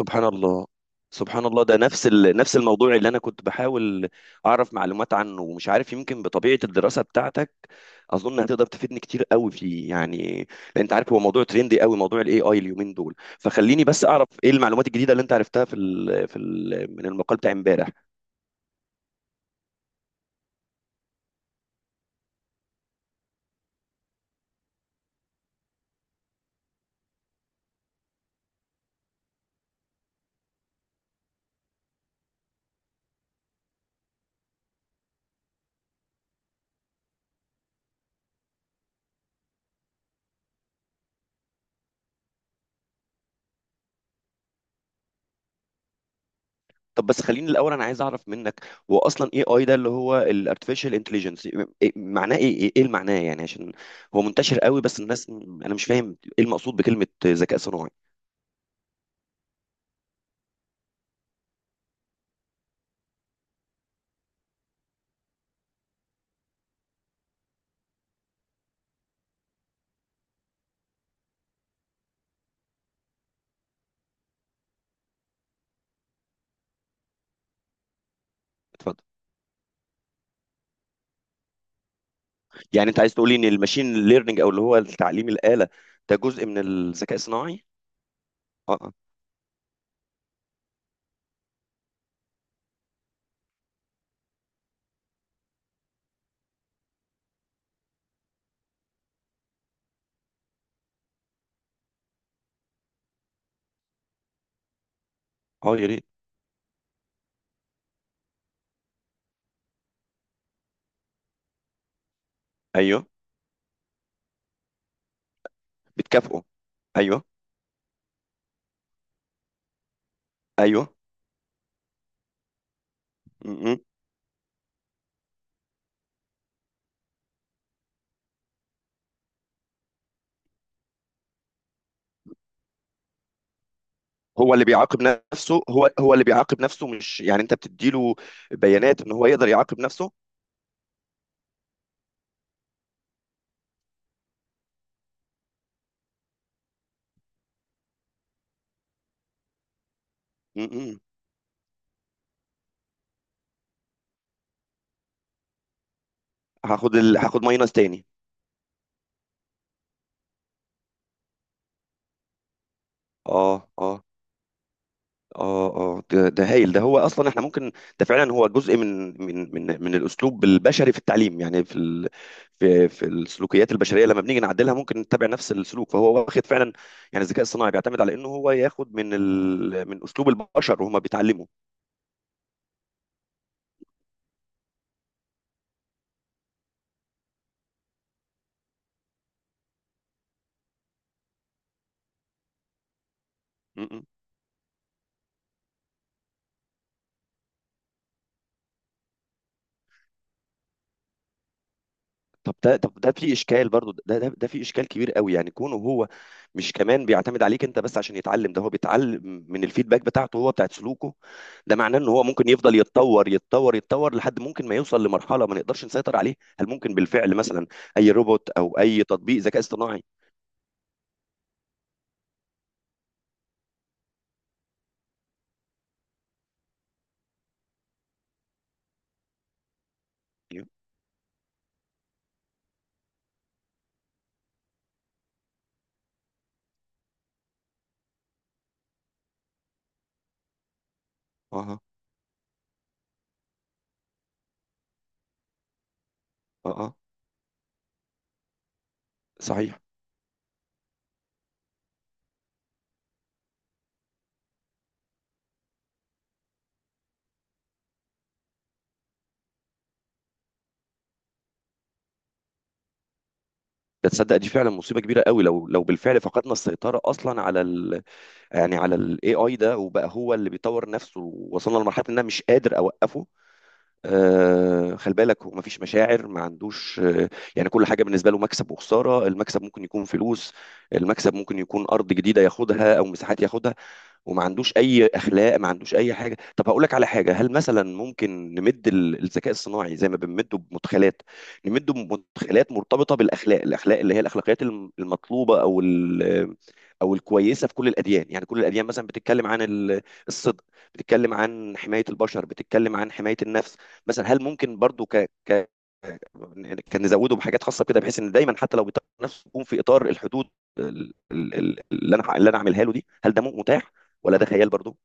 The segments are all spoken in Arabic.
سبحان الله. سبحان الله، ده نفس ال... نفس الموضوع اللي انا كنت بحاول اعرف معلومات عنه، ومش عارف، يمكن بطبيعه الدراسه بتاعتك اظن هتقدر تفيدني كتير قوي فيه، يعني لان انت عارف هو موضوع تريندي قوي، موضوع الاي اي اليومين دول. فخليني بس اعرف ايه المعلومات الجديده اللي انت عرفتها في ال... في ال... من المقال بتاع امبارح. طب بس خليني الاول، انا عايز اعرف منك هو اصلا اي اي ده اللي هو الارتفيشال انتليجنس معناه ايه، ايه إيه المعناه، يعني عشان هو منتشر قوي بس الناس انا مش فاهم ايه المقصود بكلمه ذكاء صناعي. اتفضل. يعني انت عايز تقولي ان الماشين ليرنينج او اللي هو تعليم الآلة ده جزء من الذكاء الصناعي؟ اه، اه. آه، يا ريت. ايوه. بتكافئه. ايوه. ايوه. م- م. هو اللي بيعاقب نفسه؟ هو اللي بيعاقب نفسه مش يعني انت بتديله بيانات ان هو يقدر يعاقب نفسه؟ م- م. هاخد ال... هاخد ماينس تاني. اه، اه. اه، اه. ده هايل. ده هو اصلا احنا ممكن، ده فعلا هو جزء من الاسلوب البشري في التعليم، يعني في ال في في السلوكيات البشريه لما بنيجي نعدلها ممكن نتبع نفس السلوك. فهو واخد فعلا، يعني الذكاء الصناعي بيعتمد على انه هو ياخد من ال من اسلوب البشر وهما بيتعلموا. م- م. طب ده، طب ده في اشكال برضو، ده في اشكال كبير قوي، يعني كونه هو مش كمان بيعتمد عليك انت بس عشان يتعلم، ده هو بيتعلم من الفيدباك بتاعته هو، بتاعت سلوكه. ده معناه ان هو ممكن يفضل يتطور يتطور يتطور لحد ممكن ما يوصل لمرحله ما نقدرش نسيطر عليه. هل ممكن بالفعل مثلا اي روبوت او اي تطبيق ذكاء اصطناعي؟ ايوه. اه، اه. اه. صحيح. ده تصدق دي فعلا مصيبه كبيره قوي، لو بالفعل فقدنا السيطره اصلا على ال يعني على الاي اي ده، وبقى هو اللي بيطور نفسه، ووصلنا لمرحله ان انا مش قادر اوقفه. خلي بالك هو مفيش مشاعر، ما عندوش يعني كل حاجه بالنسبه له مكسب وخساره. المكسب ممكن يكون فلوس، المكسب ممكن يكون ارض جديده ياخدها او مساحات ياخدها، وما عندوش اي اخلاق، ما عندوش اي حاجه. طب هقول لك على حاجه، هل مثلا ممكن نمد ال- الذكاء الصناعي زي ما بنمده بمدخلات، نمده بمدخلات مرتبطه بالاخلاق، الاخلاق اللي هي الاخلاقيات الم- المطلوبه او ال- او الكويسه في كل الاديان، يعني كل الاديان مثلا بتتكلم عن ال- الصدق، بتتكلم عن حمايه البشر، بتتكلم عن حمايه النفس. مثلا هل ممكن برضو ك ك كان نزوده بحاجات خاصه كده بحيث ان دايما حتى لو بيطلع نفسه يكون في اطار الحدود ال- ال- ال- اللي انا اللي انا عاملها له دي؟ هل ده متاح ولا ده خيال برضو؟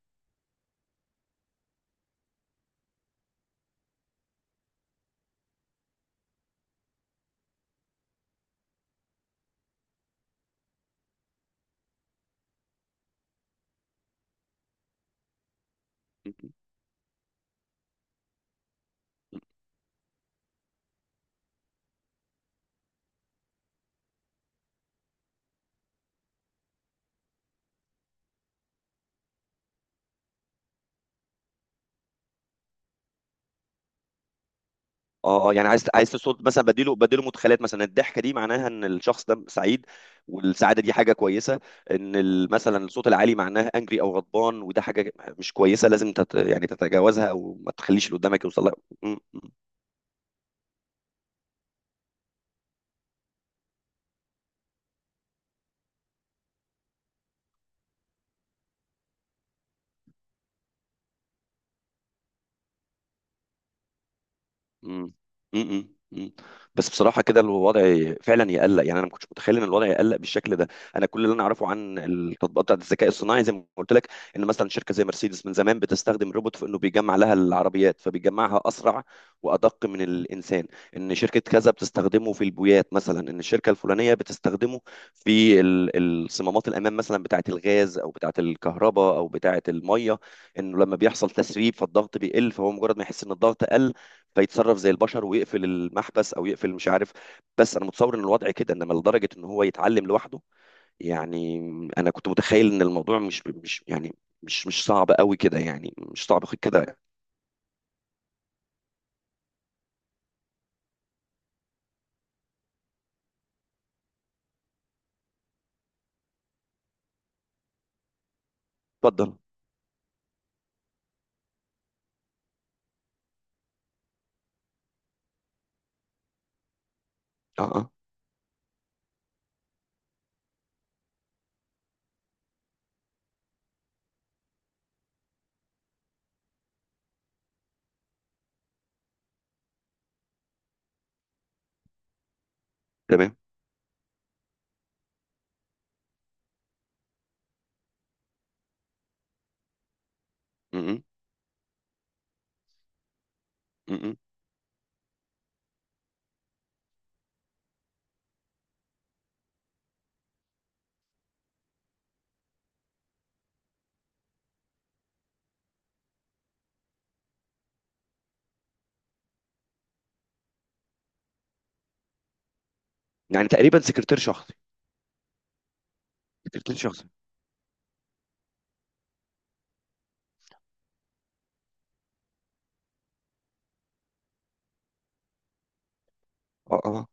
اه، اه. يعني عايز تصد مثلا بديله، بديله مدخلات مثلا الضحكه دي معناها ان الشخص ده سعيد والسعاده دي حاجه كويسه، ان ال- مثلا الصوت العالي معناها انجري او غضبان وده حاجه مش كويسه لازم تت يعني تتجاوزها او ما تخليش اللي قدامك يوصل لها. مم. مم. مم. بس بصراحة كده الوضع فعلا يقلق، يعني أنا ما كنتش متخيل إن الوضع يقلق بالشكل ده. أنا كل اللي أنا أعرفه عن التطبيقات بتاعت الذكاء الصناعي زي ما قلت لك، إن مثلا شركة زي مرسيدس من زمان بتستخدم روبوت في إنه بيجمع لها العربيات فبيجمعها أسرع وأدق من الإنسان، إن شركة كذا بتستخدمه في البويات مثلا، إن الشركة الفلانية بتستخدمه في ال- الصمامات الأمام مثلا بتاعت الغاز أو بتاعت الكهرباء أو بتاعت المية، إنه لما بيحصل تسريب فالضغط بيقل فهو مجرد ما يحس إن الضغط قل فيتصرف زي البشر ويقفل المحبس او يقفل مش عارف. بس انا متصور ان الوضع كده، انما لدرجه ان هو يتعلم لوحده، يعني انا كنت متخيل ان الموضوع مش يعني مش صعب قوي كده، يعني مش صعب كده. اتفضل. اه، اه. تمام. م- م- م- م. يعني تقريبا سكرتير شخصي. سكرتير شخصي. اه، اه.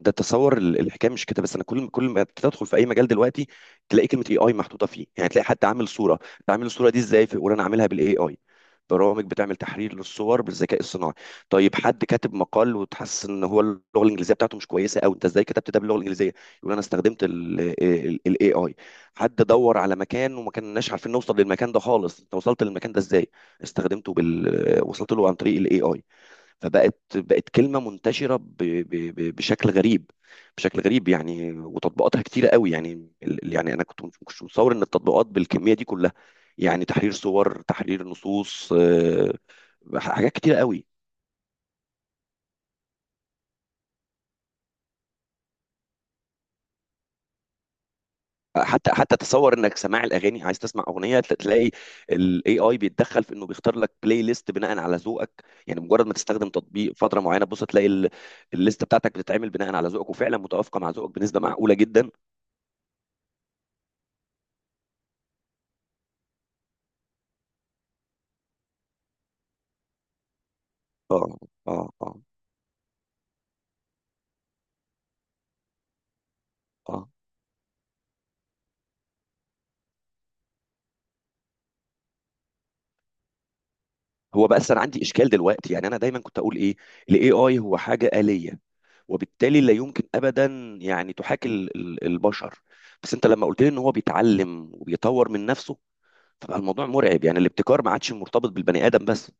ده تصور ال- الحكايه مش كده بس، انا كل ما تدخل في اي مجال دلوقتي تلاقي كلمه اي اي محطوطه فيه، يعني تلاقي حد عامل صوره، تعمل الصوره دي ازاي؟ في- وانا عاملها بالاي اي. برامج بتعمل تحرير للصور بالذكاء الصناعي. طيب حد كاتب مقال وتحس ان هو اللغه الانجليزيه بتاعته مش كويسه، او انت ازاي كتبت ده باللغه الانجليزيه؟ يقول انا استخدمت الاي اي. حد دور على مكان وما كناش عارفين نوصل للمكان ده خالص، انت وصلت للمكان ده ازاي؟ استخدمته بال وصلت له عن طريق الاي اي. فبقت، بقت كلمة منتشرة ب- ب- ب- بشكل غريب. بشكل غريب يعني، وتطبيقاتها كتيرة قوي، يعني ال- يعني أنا كنت مش متصور إن التطبيقات بالكمية دي كلها، يعني تحرير صور، تحرير نصوص، حاجات كتيرة قوي. حتى تصور انك سماع الاغاني، عايز تسمع اغنيه، تل- تلاقي الاي اي بيتدخل في انه بيختار لك بلاي ليست بناء على ذوقك، يعني مجرد ما تستخدم تطبيق فتره معينه تبص تلاقي ال- الليسته بتاعتك بتتعمل بناء على ذوقك وفعلا متوافقه مع ذوقك بنسبه معقوله جدا. اه، اه. اه، اه. هو بقى انا عندي اشكال دلوقتي، يعني انا دايما كنت اقول ايه، الاي اي هو حاجه آلية وبالتالي لا يمكن ابدا يعني تحاكي ال- ال- البشر، بس انت لما قلت لي ان هو بيتعلم وبيطور من نفسه، فبقى الموضوع مرعب. يعني الابتكار ما عادش مرتبط بالبني ادم بس.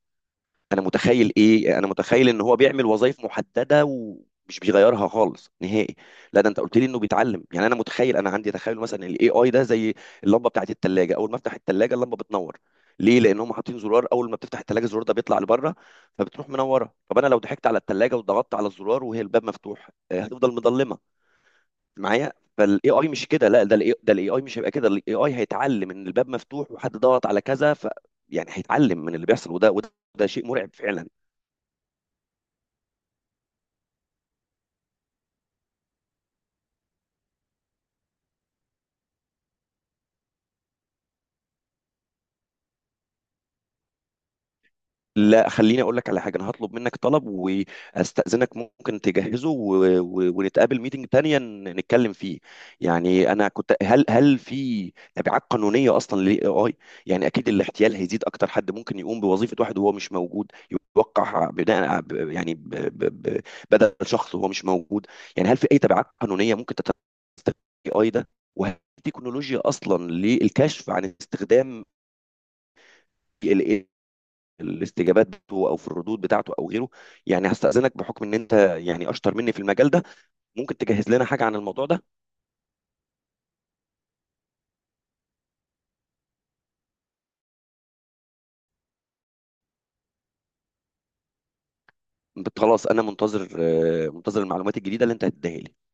انا متخيل ايه، انا متخيل ان هو بيعمل وظائف محدده ومش بيغيرها خالص نهائي، لا ده انت قلت لي انه بيتعلم. يعني انا متخيل، انا عندي تخيل مثلا الاي اي ده زي اللمبه بتاعت الثلاجه، اول ما افتح الثلاجه اللمبه بتنور. ليه؟ لان هم حاطين زرار اول ما بتفتح الثلاجه الزرار ده بيطلع لبره فبتروح منوره. طب انا لو ضحكت على الثلاجه وضغطت على الزرار وهي الباب مفتوح، هتفضل مضلمه معايا. فالاي اي مش كده، لا ده الاي ده الاي اي مش هيبقى كده، الاي اي هيتعلم ان الباب مفتوح وحد ضغط على كذا، ف يعني هيتعلم من اللي بيحصل، وده شيء مرعب فعلا. لا خليني اقول لك على حاجه، انا هطلب منك طلب واستاذنك ممكن تجهزه و... و... ونتقابل ميتنج تانية ن- نتكلم فيه. يعني انا كنت، هل في تبعات قانونيه اصلا للاي اي؟ يعني اكيد الاحتيال هيزيد اكتر، حد ممكن يقوم بوظيفه واحد وهو مش موجود، يوقع بناء ع- ب- يعني ب... ب... ب... بدل شخص وهو مش موجود. يعني هل في اي تبعات قانونيه ممكن تتستفيد الاي اي ده؟ وهل في تكنولوجيا اصلا للكشف عن استخدام ال الاستجابات بتاعته او في الردود بتاعته او غيره؟ يعني هستأذنك بحكم ان انت يعني اشطر مني في المجال ده، ممكن تجهز لنا حاجه عن الموضوع ده. بت- خلاص انا منتظر، منتظر المعلومات الجديده اللي انت هتديها لي.